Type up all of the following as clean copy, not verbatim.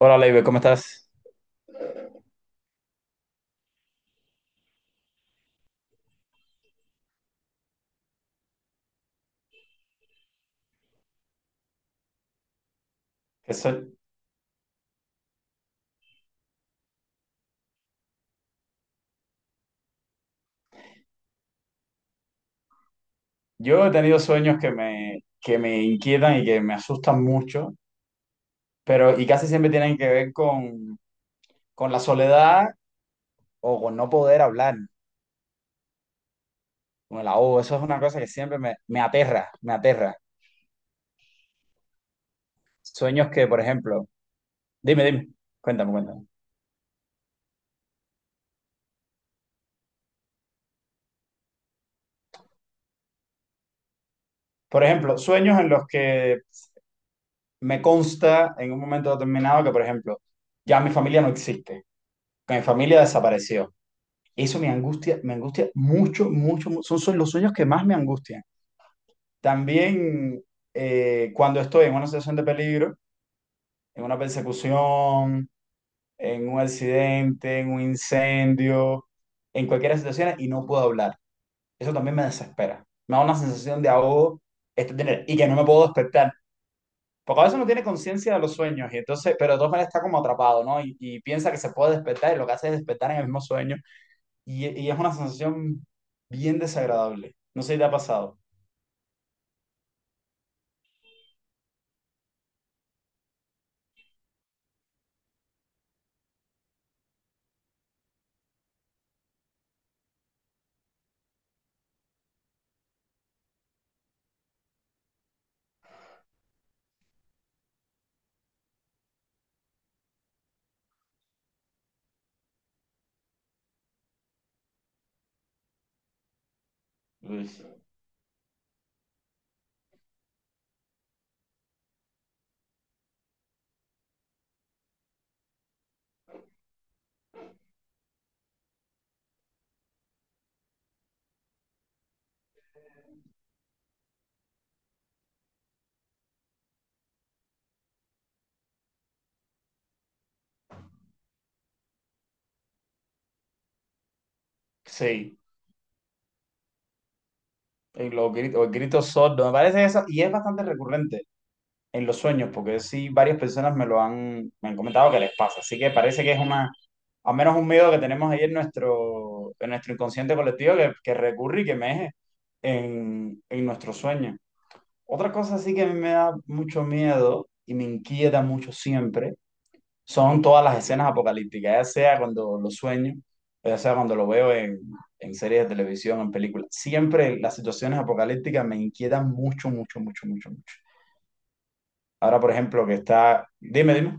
Hola, Leibe, ¿cómo estás? Que soy- Yo he tenido sueños que me inquietan y que me asustan mucho, pero y casi siempre tienen que ver con la soledad, o con no poder hablar, con el ahogo. Eso es una cosa que siempre me aterra, me aterra. Sueños que, por ejemplo, dime, dime, cuéntame, cuéntame. Por ejemplo, sueños en los que me consta en un momento determinado que, por ejemplo, ya mi familia no existe, que mi familia desapareció. Eso me angustia mucho, mucho. Son los sueños que más me angustian. También cuando estoy en una situación de peligro, en una persecución, en un accidente, en un incendio, en cualquier situación y no puedo hablar. Eso también me desespera. Me da una sensación de ahogo, tener y que no me puedo despertar. Porque a veces uno tiene conciencia de los sueños y entonces, pero de todas maneras está como atrapado, ¿no? Y piensa que se puede despertar, y lo que hace es despertar en el mismo sueño, y es una sensación bien desagradable. No sé si te ha pasado. Luis. Sí, en los gritos, o el grito sordo, me parece eso, y es bastante recurrente en los sueños, porque sí, varias personas me han comentado que les pasa, así que parece que al menos un miedo que tenemos ahí en nuestro, inconsciente colectivo que recurre y que meje en nuestro sueño. Otra cosa sí que a mí me da mucho miedo y me inquieta mucho siempre son todas las escenas apocalípticas, ya sea cuando lo sueño, ya sea cuando lo veo en, series de televisión, en películas. Siempre las situaciones apocalípticas me inquietan mucho, mucho, mucho, mucho, mucho. Ahora, por ejemplo, Dime, dime.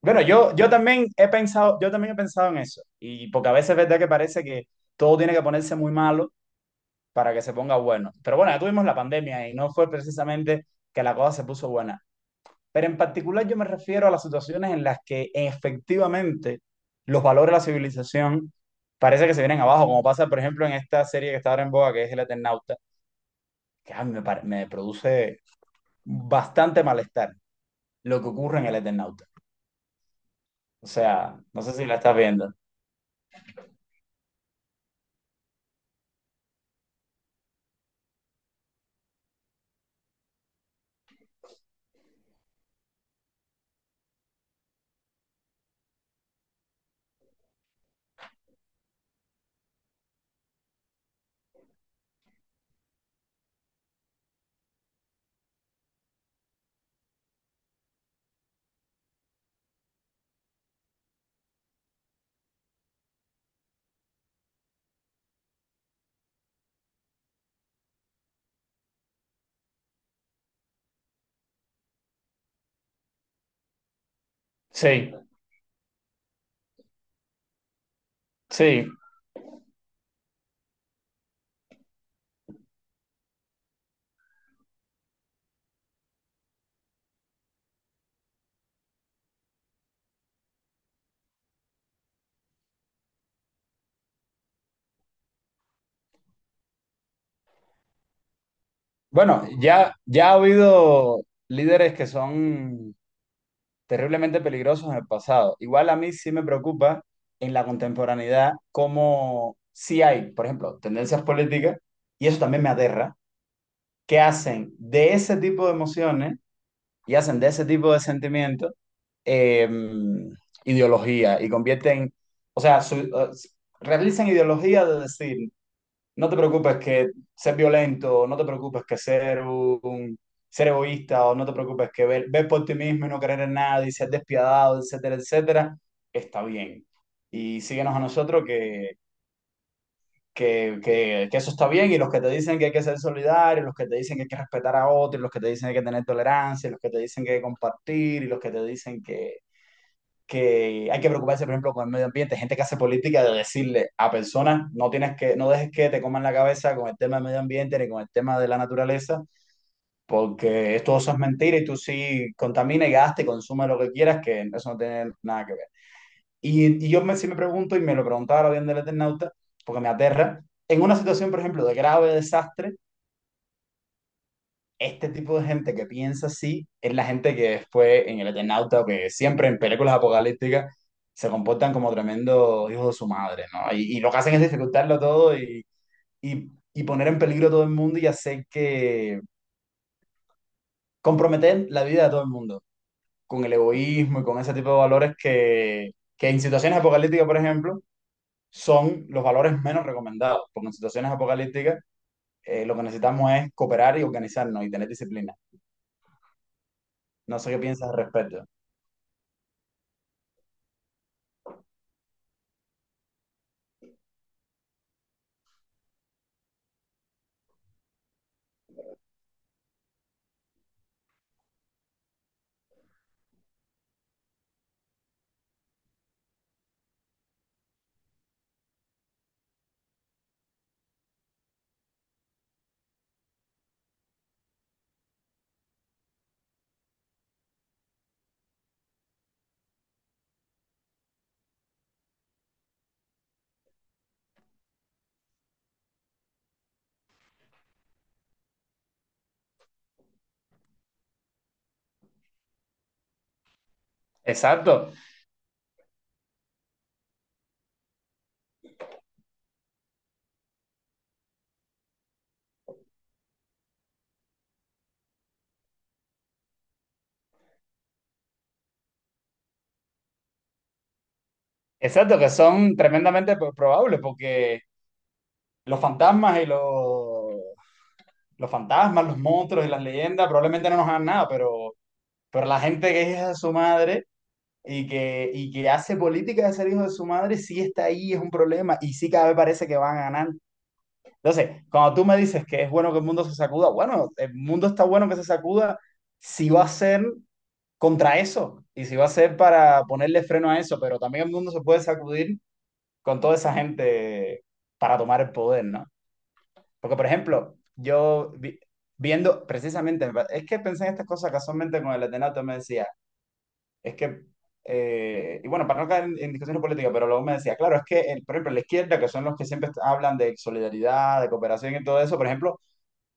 Bueno, yo también he pensado, yo también he pensado en eso. Y porque a veces es verdad que parece que todo tiene que ponerse muy malo para que se ponga bueno. Pero bueno, ya tuvimos la pandemia y no fue precisamente que la cosa se puso buena. Pero en particular yo me refiero a las situaciones en las que efectivamente los valores de la civilización parece que se vienen abajo, como pasa, por ejemplo, en esta serie que está ahora en boga, que es El Eternauta, que a mí me produce bastante malestar lo que ocurre en El Eternauta. O sea, no sé si la estás viendo. Sí, sí. Bueno, ya ha habido líderes que son terriblemente peligrosos en el pasado. Igual a mí sí me preocupa en la contemporaneidad cómo sí hay, por ejemplo, tendencias políticas, y eso también me aterra, que hacen de ese tipo de emociones y hacen de ese tipo de sentimientos eh, ideología, y convierten, o sea, realizan ideología de decir, no te preocupes que ser violento, no te preocupes que ser egoísta, o no te preocupes que ver por ti mismo y no creer en nada, ser despiadado, etcétera, etcétera, está bien. Y síguenos a nosotros que eso está bien. Y los que te dicen que hay que ser solidario, los que te dicen que hay que respetar a otros, los que te dicen que hay que tener tolerancia, los que te dicen que hay que compartir, y los que te dicen que hay que preocuparse, por ejemplo, con el medio ambiente, gente que hace política de decirle a personas, no dejes que te coman la cabeza con el tema del medio ambiente ni con el tema de la naturaleza, porque esto, eso es mentira, y tú sí contamina y gasta y consume lo que quieras, que eso no tiene nada que ver. Y sí me pregunto, y me lo preguntaba ahora bien del Eternauta, porque me aterra, en una situación, por ejemplo, de grave desastre. Este tipo de gente que piensa así es la gente que después en el Eternauta, o que siempre en películas apocalípticas, se comportan como tremendos hijos de su madre, ¿no? Y lo que hacen es dificultarlo todo, y, y poner en peligro a todo el mundo, y hacer que comprometer la vida de todo el mundo con el egoísmo y con ese tipo de valores que en situaciones apocalípticas, por ejemplo, son los valores menos recomendados, porque en situaciones apocalípticas, lo que necesitamos es cooperar y organizarnos y tener disciplina. No sé qué piensas al respecto. Exacto. Exacto, que son tremendamente probables, porque los fantasmas y los fantasmas, los monstruos y las leyendas probablemente no nos hagan nada, pero la gente que es hija de su madre, y que hace política de ser hijo de su madre, sí está ahí, es un problema, y sí, cada vez parece que van a ganar. Entonces, cuando tú me dices que es bueno que el mundo se sacuda, bueno, el mundo está bueno que se sacuda si va a ser contra eso y si va a ser para ponerle freno a eso, pero también el mundo se puede sacudir con toda esa gente para tomar el poder, ¿no? Porque, por ejemplo, viendo precisamente, es que pensé en estas cosas casualmente con el Atenato, me decía, es que, y bueno, para no caer en discusiones políticas, pero luego me decía, claro, es que, por ejemplo, la izquierda, que son los que siempre hablan de solidaridad, de cooperación y todo eso, por ejemplo,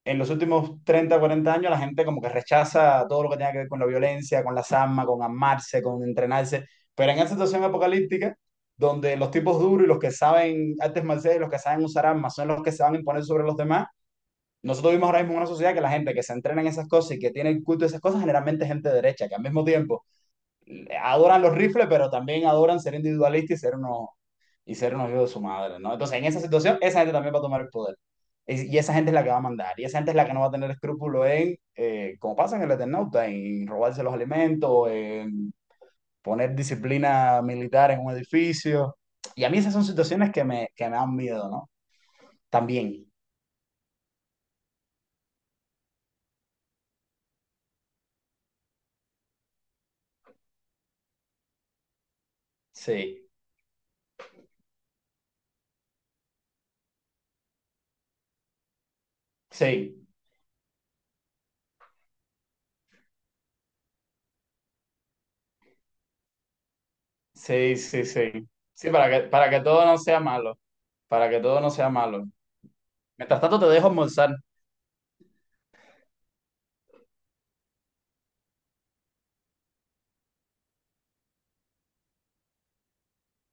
en los últimos 30-40 años la gente como que rechaza todo lo que tenga que ver con la violencia, con las armas, con amarse, con entrenarse. Pero en esa situación apocalíptica, donde los tipos duros y los que saben artes marciales y los que saben usar armas son los que se van a imponer sobre los demás, nosotros vimos ahora mismo en una sociedad que la gente que se entrena en esas cosas y que tiene el culto de esas cosas, generalmente es gente derecha, que al mismo tiempo adoran los rifles, pero también adoran ser individualistas y y ser un hijos de su madre, ¿no? Entonces, en esa situación, esa gente también va a tomar el poder. Y esa gente es la que va a mandar, y esa gente es la que no va a tener escrúpulo como pasa en el Eternauta, en robarse los alimentos, en poner disciplina militar en un edificio. Y a mí esas son situaciones que me dan miedo, ¿no? También. Sí, sí, sí, sí, sí. Sí, para que todo no sea malo, para que todo no sea malo. Mientras tanto, te dejo almorzar.